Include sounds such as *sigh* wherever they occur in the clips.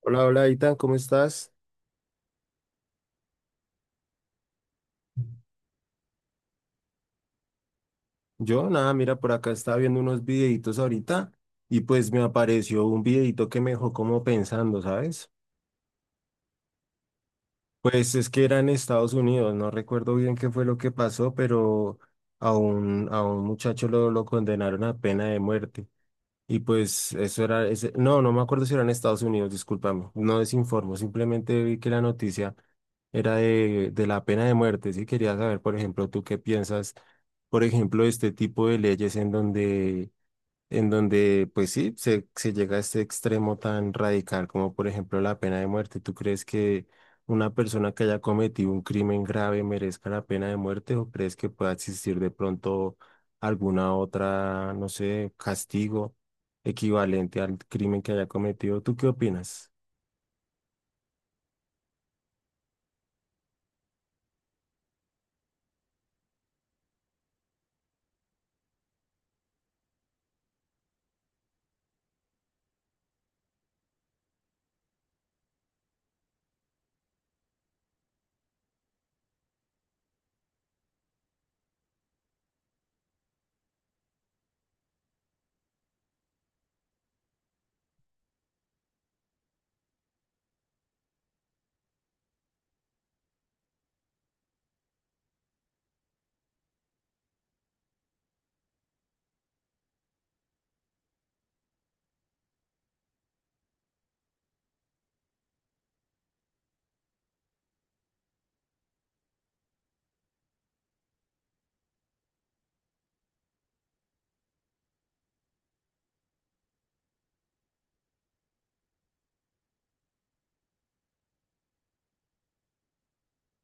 Hola, hola, Itan, ¿cómo estás? Yo, nada, mira, por acá estaba viendo unos videitos ahorita y pues me apareció un videito que me dejó como pensando, ¿sabes? Pues es que era en Estados Unidos, no recuerdo bien qué fue lo que pasó, pero a un muchacho lo condenaron a pena de muerte. Y pues eso era, no, no me acuerdo si era en Estados Unidos, discúlpame, no desinformo, simplemente vi que la noticia era de la pena de muerte, sí, quería saber, por ejemplo, tú qué piensas, por ejemplo, de este tipo de leyes en donde, pues sí, se llega a este extremo tan radical como por ejemplo la pena de muerte. ¿Tú crees que una persona que haya cometido un crimen grave merezca la pena de muerte o crees que pueda existir de pronto alguna otra, no sé, castigo equivalente al crimen que haya cometido? ¿Tú qué opinas?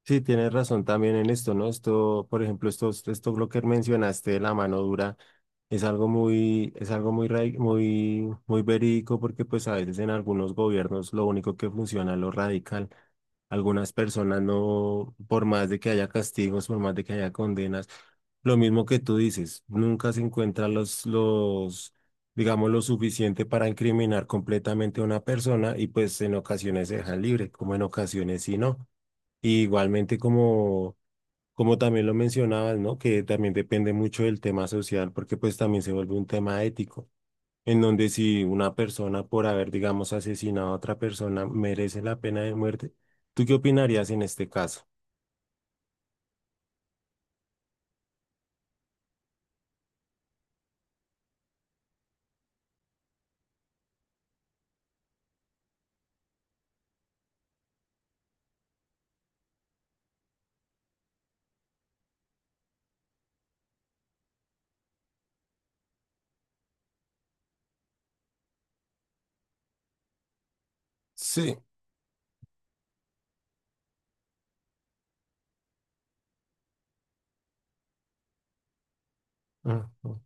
Sí, tienes razón también en esto, ¿no? Esto, por ejemplo, esto lo que mencionaste de la mano dura. Es algo muy, muy, muy verídico porque pues a veces en algunos gobiernos lo único que funciona es lo radical. Algunas personas no, por más de que haya castigos, por más de que haya condenas, lo mismo que tú dices, nunca se encuentran los, digamos, lo suficiente para incriminar completamente a una persona y pues en ocasiones se dejan libre, como en ocasiones sí no. Y igualmente como... Como también lo mencionabas, ¿no? Que también depende mucho del tema social, porque pues también se vuelve un tema ético, en donde si una persona por haber, digamos, asesinado a otra persona merece la pena de muerte, ¿tú qué opinarías en este caso? Sí, ujú.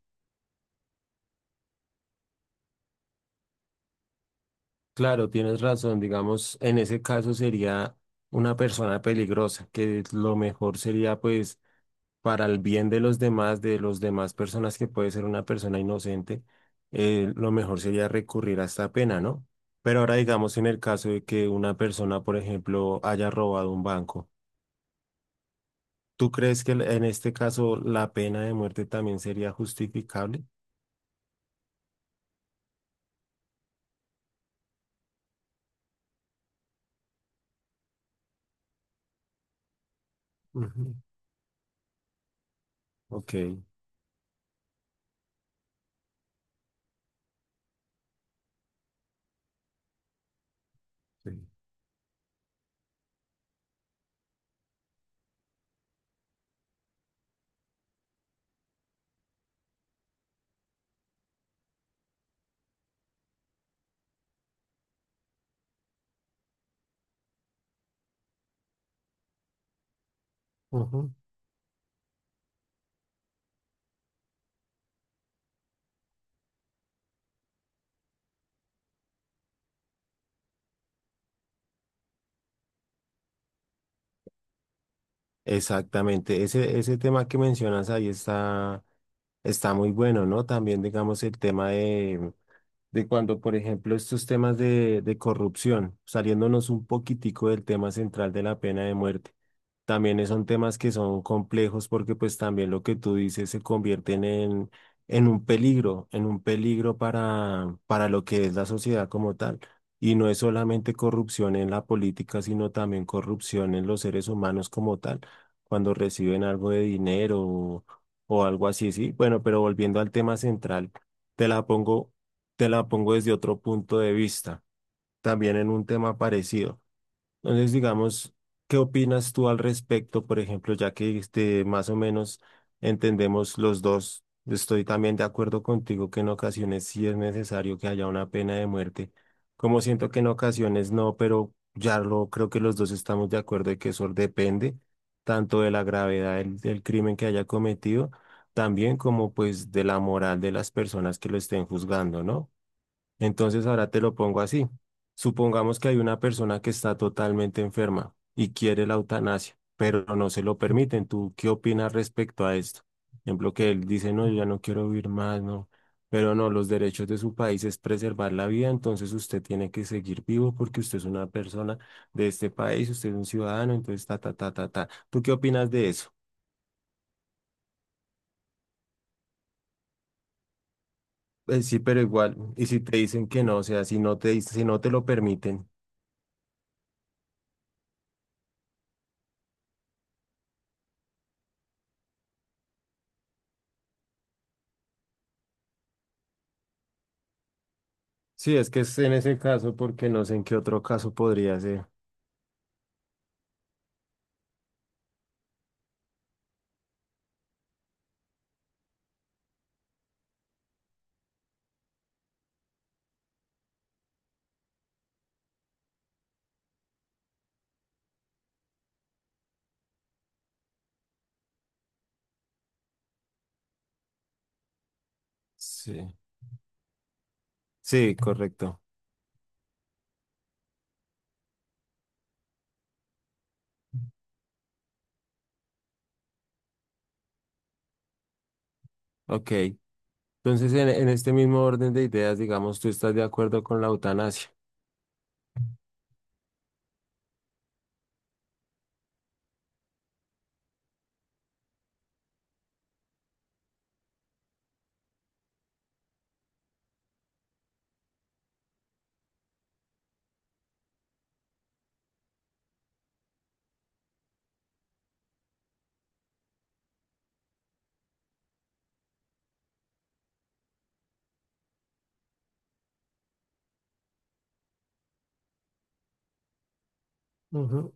Claro, tienes razón, digamos, en ese caso sería una persona peligrosa, que lo mejor sería pues para el bien de los demás personas que puede ser una persona inocente, lo mejor sería recurrir a esta pena, ¿no? Pero ahora digamos en el caso de que una persona, por ejemplo, haya robado un banco, ¿tú crees que en este caso la pena de muerte también sería justificable? Ujú, ok. Sí. Ujú. Exactamente, ese tema que mencionas ahí está, está muy bueno, ¿no? También digamos el tema de cuando, por ejemplo, estos temas de corrupción, saliéndonos un poquitico del tema central de la pena de muerte. También son temas que son complejos porque pues también lo que tú dices se convierten en un peligro para lo que es la sociedad como tal. Y no es solamente corrupción en la política, sino también corrupción en los seres humanos como tal, cuando reciben algo de dinero o algo así, sí. Bueno, pero volviendo al tema central, te la pongo, te la pongo desde otro punto de vista, también en un tema parecido. Entonces, digamos, ¿qué opinas tú al respecto? Por ejemplo, ya que este, más o menos entendemos los dos, estoy también de acuerdo contigo que en ocasiones sí es necesario que haya una pena de muerte, como siento que en ocasiones no, pero ya lo creo que los dos estamos de acuerdo de que eso depende tanto de la gravedad del crimen que haya cometido, también como pues de la moral de las personas que lo estén juzgando, ¿no? Entonces ahora te lo pongo así. Supongamos que hay una persona que está totalmente enferma y quiere la eutanasia, pero no se lo permiten. ¿Tú qué opinas respecto a esto? Por ejemplo, que él dice, no, yo ya no quiero vivir más, no. Pero no, los derechos de su país es preservar la vida, entonces usted tiene que seguir vivo porque usted es una persona de este país, usted es un ciudadano, entonces ta, ta, ta, ta, ta. ¿Tú qué opinas de eso? Sí, pero igual, y si te dicen que no, o sea, si no te, si no te lo permiten. Sí, es que es en ese caso porque no sé en qué otro caso podría ser. Sí, sí, correcto. Ok. Entonces, en este mismo orden de ideas, digamos, ¿tú estás de acuerdo con la eutanasia? Ujú,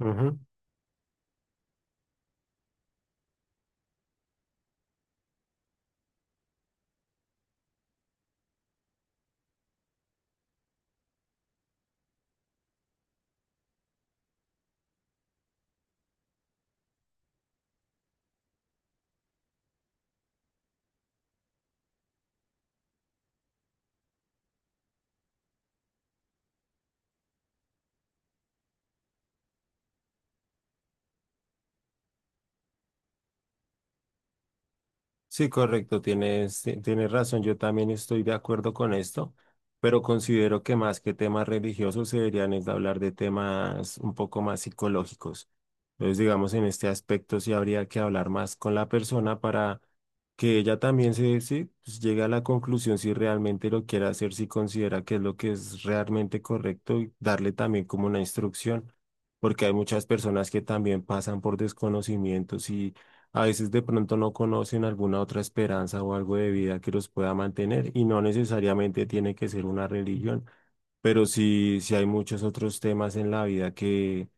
ujú. Sí, correcto, tienes razón, yo también estoy de acuerdo con esto, pero considero que más que temas religiosos se deberían es de hablar de temas un poco más psicológicos. Entonces, digamos, en este aspecto sí habría que hablar más con la persona para que ella también se, sí, pues, llegue a la conclusión si realmente lo quiere hacer, si considera que es lo que es realmente correcto y darle también como una instrucción, porque hay muchas personas que también pasan por desconocimientos a veces de pronto no conocen alguna otra esperanza o algo de vida que los pueda mantener y no necesariamente tiene que ser una religión, pero sí, sí hay muchos otros temas en la vida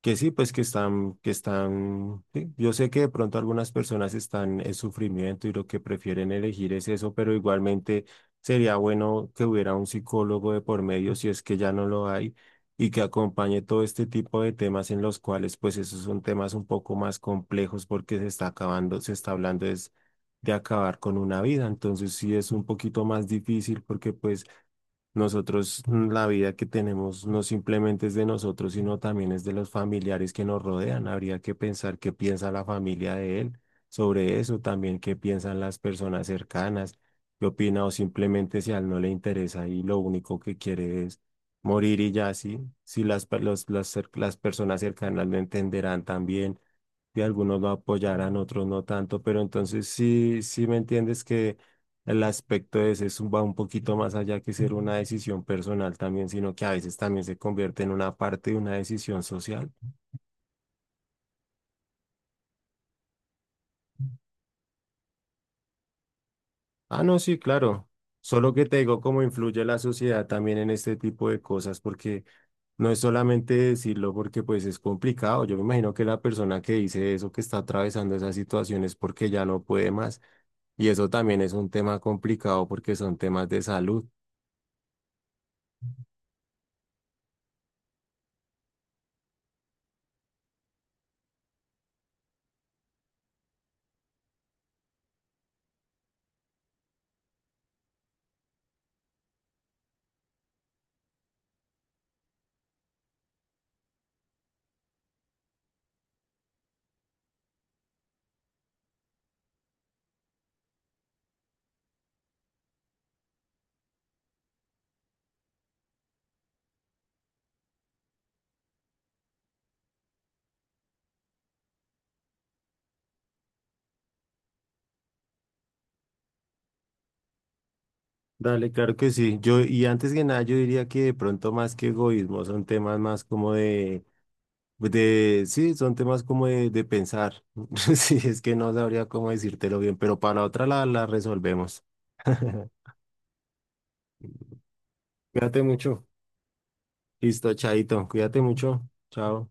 que sí, pues que están, sí, yo sé que de pronto algunas personas están en sufrimiento y lo que prefieren elegir es eso, pero igualmente sería bueno que hubiera un psicólogo de por medio, si es que ya no lo hay, y que acompañe todo este tipo de temas en los cuales, pues esos son temas un poco más complejos porque se está acabando, se está hablando es de acabar con una vida, entonces sí es un poquito más difícil porque pues nosotros, la vida que tenemos no simplemente es de nosotros, sino también es de los familiares que nos rodean. Habría que pensar qué piensa la familia de él sobre eso, también qué piensan las personas cercanas, qué opina o simplemente si a él no le interesa y lo único que quiere es morir y ya así. Si las, pe- los- las, cer- las personas cercanas lo entenderán también, y algunos lo apoyarán, otros no tanto, pero entonces sí, sí me entiendes que el aspecto ese es, va un poquito más allá que ser una decisión personal también, sino que a veces también se convierte en una parte de una decisión social. Ah, no, sí, claro. Solo que te digo cómo influye la sociedad también en este tipo de cosas, porque no es solamente decirlo porque pues es complicado. Yo me imagino que la persona que dice eso, que está atravesando esas situaciones porque ya no puede más. Y eso también es un tema complicado porque son temas de salud. Dale, claro que sí. Yo, y antes que nada, yo diría que de pronto más que egoísmo, son temas más como de, sí, son temas como de pensar. *laughs* Sí, es que no sabría cómo decírtelo bien, pero para otra la resolvemos. *laughs* Cuídate mucho. Listo, chaito. Cuídate mucho. Chao.